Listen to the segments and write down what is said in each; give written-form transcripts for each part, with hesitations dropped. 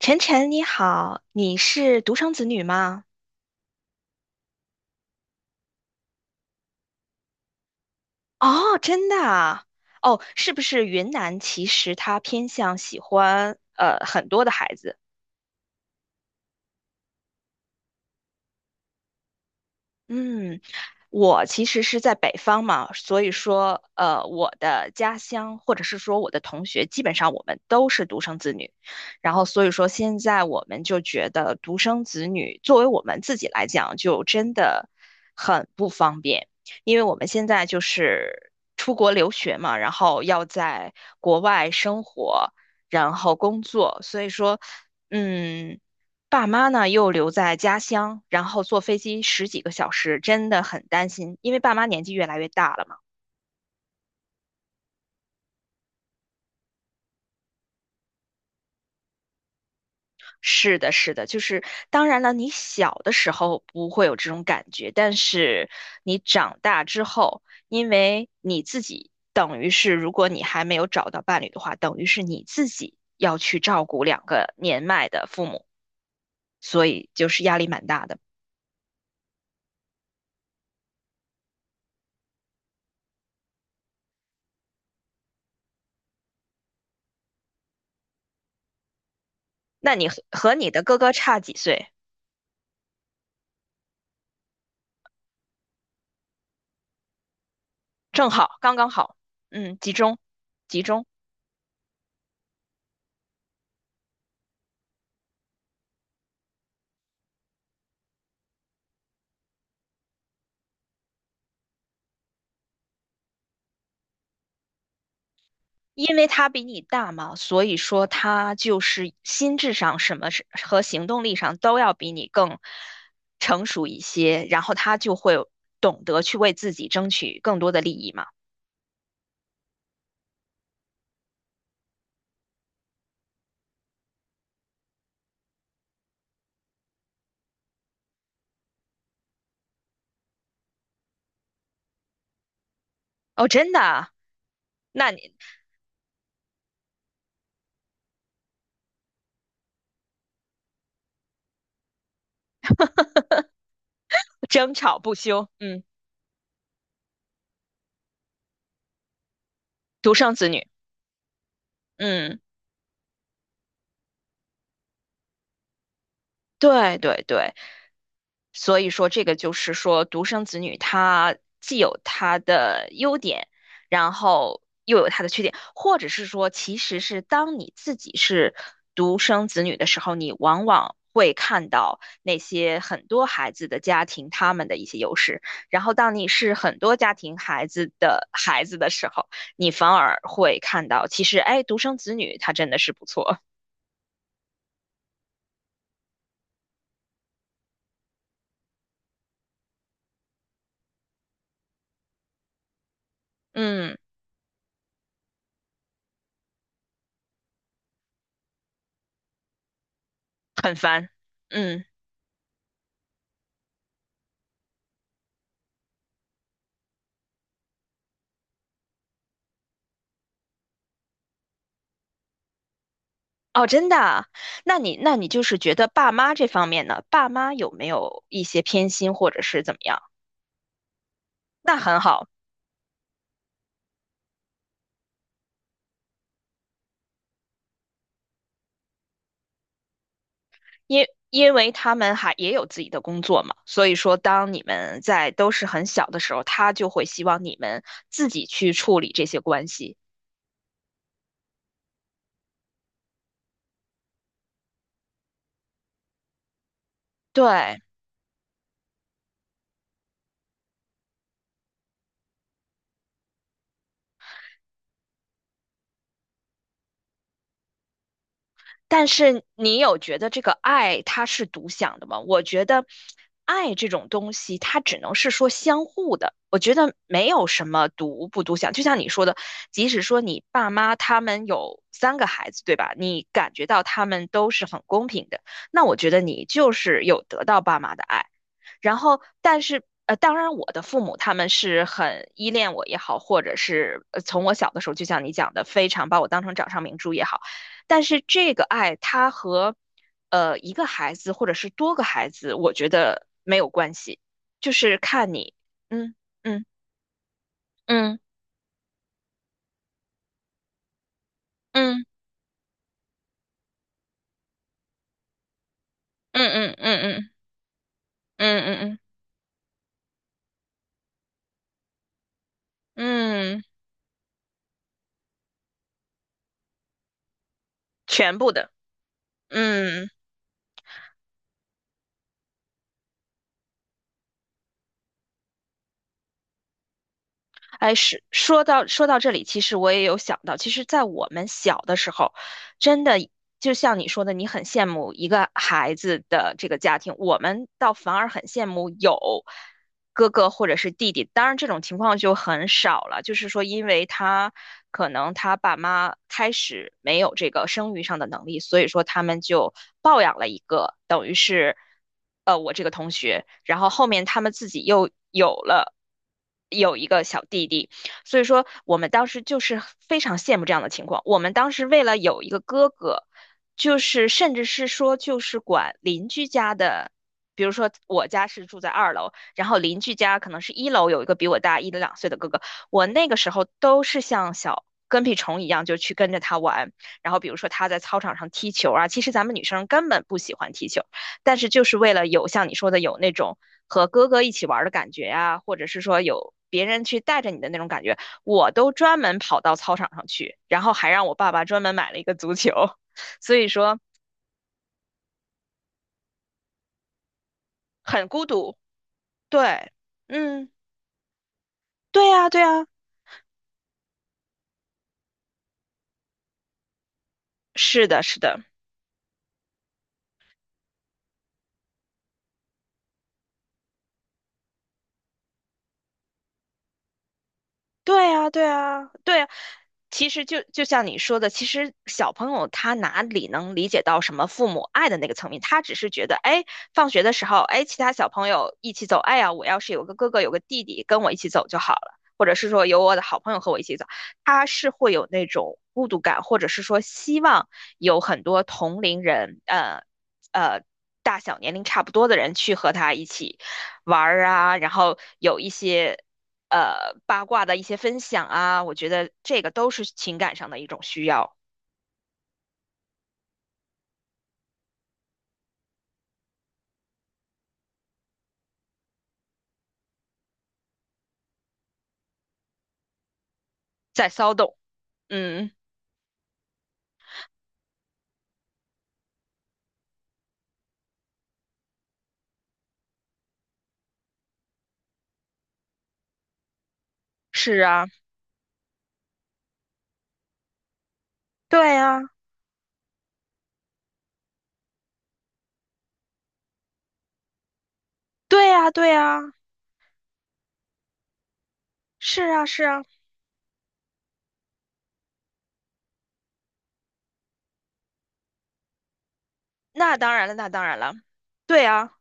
晨晨你好，你是独生子女吗？哦，真的啊？哦，是不是云南其实它偏向喜欢很多的孩子？嗯，我其实是在北方嘛，所以说，我的家乡或者是说我的同学，基本上我们都是独生子女，然后所以说现在我们就觉得独生子女作为我们自己来讲，就真的很不方便，因为我们现在就是出国留学嘛，然后要在国外生活，然后工作，所以说，嗯。爸妈呢又留在家乡，然后坐飞机十几个小时，真的很担心，因为爸妈年纪越来越大了嘛。是的，是的，就是当然了，你小的时候不会有这种感觉，但是你长大之后，因为你自己等于是，如果你还没有找到伴侣的话，等于是你自己要去照顾两个年迈的父母，所以就是压力蛮大的。那你和你的哥哥差几岁？正好，刚刚好，嗯，集中，集中。因为他比你大嘛，所以说他就是心智上什么是和行动力上都要比你更成熟一些，然后他就会懂得去为自己争取更多的利益嘛。哦，真的啊？那你。争吵不休，嗯，独生子女，嗯，对对对。所以说，这个就是说，独生子女他既有他的优点，然后又有他的缺点，或者是说，其实是当你自己是独生子女的时候，你往往会看到那些很多孩子的家庭他们的一些优势，然后当你是很多家庭孩子的孩子的时候，你反而会看到，其实，哎，独生子女他真的是不错，嗯，很烦，嗯。哦，真的啊？那你就是觉得爸妈这方面呢，爸妈有没有一些偏心或者是怎么样？那很好。因为他们还也有自己的工作嘛，所以说当你们在都是很小的时候，他就会希望你们自己去处理这些关系。对，但是你有觉得这个爱它是独享的吗？我觉得爱这种东西，它只能是说相互的。我觉得没有什么独不独享，就像你说的，即使说你爸妈他们有三个孩子，对吧？你感觉到他们都是很公平的，那我觉得你就是有得到爸妈的爱。然后，但是当然我的父母他们是很依恋我也好，或者是从我小的时候，就像你讲的，非常把我当成掌上明珠也好。但是这个爱，它和一个孩子或者是多个孩子，我觉得没有关系，就是看你，嗯嗯嗯嗯嗯嗯嗯嗯嗯嗯嗯，嗯，全部的，嗯。哎，是说到这里，其实我也有想到，其实，在我们小的时候，真的就像你说的，你很羡慕一个孩子的这个家庭，我们倒反而很羡慕有哥哥或者是弟弟。当然，这种情况就很少了，就是说，因为他可能他爸妈开始没有这个生育上的能力，所以说他们就抱养了一个，等于是。然后后面他们自己又有一个小弟弟，所以说我们当时就是非常羡慕这样的情况。我们当时为了有一个哥哥，就是甚至是说就是管邻居家的。比如说，我家是住在二楼，然后邻居家可能是一楼有一个比我大一两岁的哥哥，我那个时候都是像小跟屁虫一样，就去跟着他玩。然后比如说他在操场上踢球啊，其实咱们女生根本不喜欢踢球，但是就是为了有像你说的有那种和哥哥一起玩的感觉呀、或者是说有别人去带着你的那种感觉，我都专门跑到操场上去，然后还让我爸爸专门买了一个足球，所以说很孤独。对，嗯，对呀，对呀，是的，是的。对啊，对啊，对啊。其实就像你说的，其实小朋友他哪里能理解到什么父母爱的那个层面？他只是觉得，哎，放学的时候，哎，其他小朋友一起走，哎呀，我要是有个哥哥有个弟弟跟我一起走就好了，或者是说有我的好朋友和我一起走，他是会有那种孤独感，或者是说希望有很多同龄人，呃。大小年龄差不多的人去和他一起玩儿啊，然后有一些八卦的一些分享啊，我觉得这个都是情感上的一种需要，在骚动。嗯，是啊，对啊，对啊，对啊，是啊，是啊，那当然了，那当然了，对啊。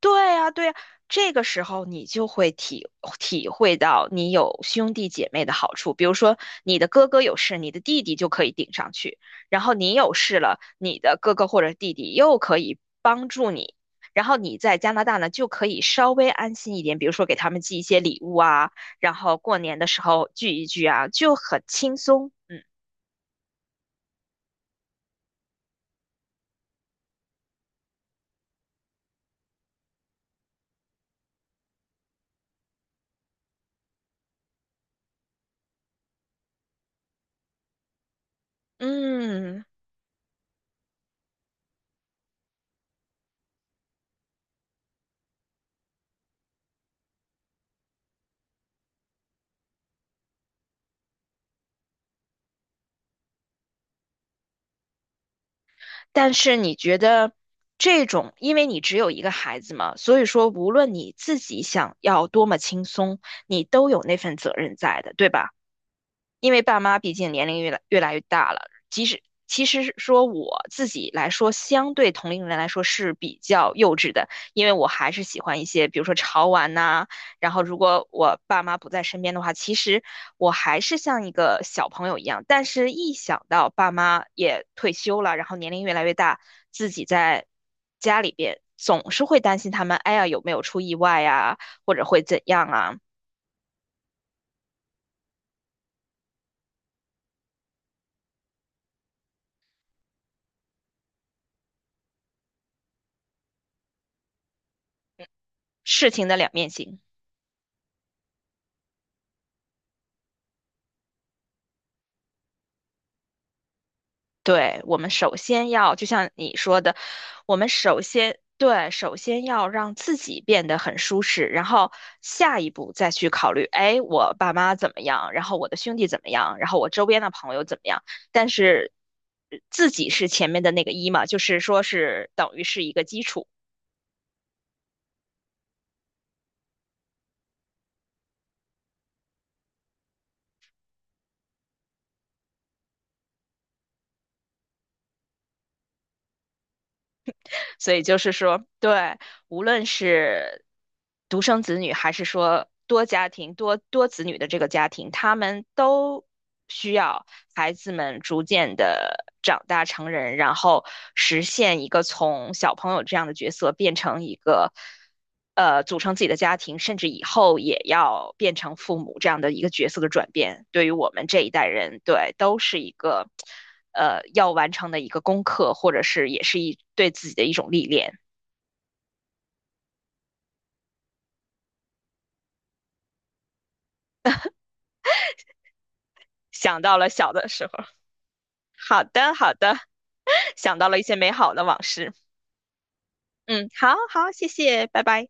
对呀，对呀，这个时候你就会体会到你有兄弟姐妹的好处。比如说，你的哥哥有事，你的弟弟就可以顶上去；然后你有事了，你的哥哥或者弟弟又可以帮助你。然后你在加拿大呢，就可以稍微安心一点，比如说给他们寄一些礼物啊，然后过年的时候聚一聚啊，就很轻松。嗯嗯。但是你觉得这种，因为你只有一个孩子嘛，所以说无论你自己想要多么轻松，你都有那份责任在的，对吧？因为爸妈毕竟年龄越来越大了，即使其实说我自己来说，相对同龄人来说是比较幼稚的，因为我还是喜欢一些，比如说潮玩呐、然后如果我爸妈不在身边的话，其实我还是像一个小朋友一样。但是，一想到爸妈也退休了，然后年龄越来越大，自己在家里边总是会担心他们，哎呀有没有出意外呀，或者会怎样啊？事情的两面性。对，我们首先要，就像你说的，我们首先，对，首先要让自己变得很舒适，然后下一步再去考虑，哎，我爸妈怎么样，然后我的兄弟怎么样，然后我周边的朋友怎么样。但是自己是前面的那个一嘛，就是说是等于是一个基础，所以就是说，对。无论是独生子女，还是说多家庭、多子女的这个家庭，他们都需要孩子们逐渐的长大成人，然后实现一个从小朋友这样的角色变成一个。组成自己的家庭，甚至以后也要变成父母这样的一个角色的转变，对于我们这一代人，对，都是一个要完成的一个功课，或者是也是一对自己的一种历练。想到了小的时候。好的，好的，想到了一些美好的往事。嗯，好好，谢谢，拜拜。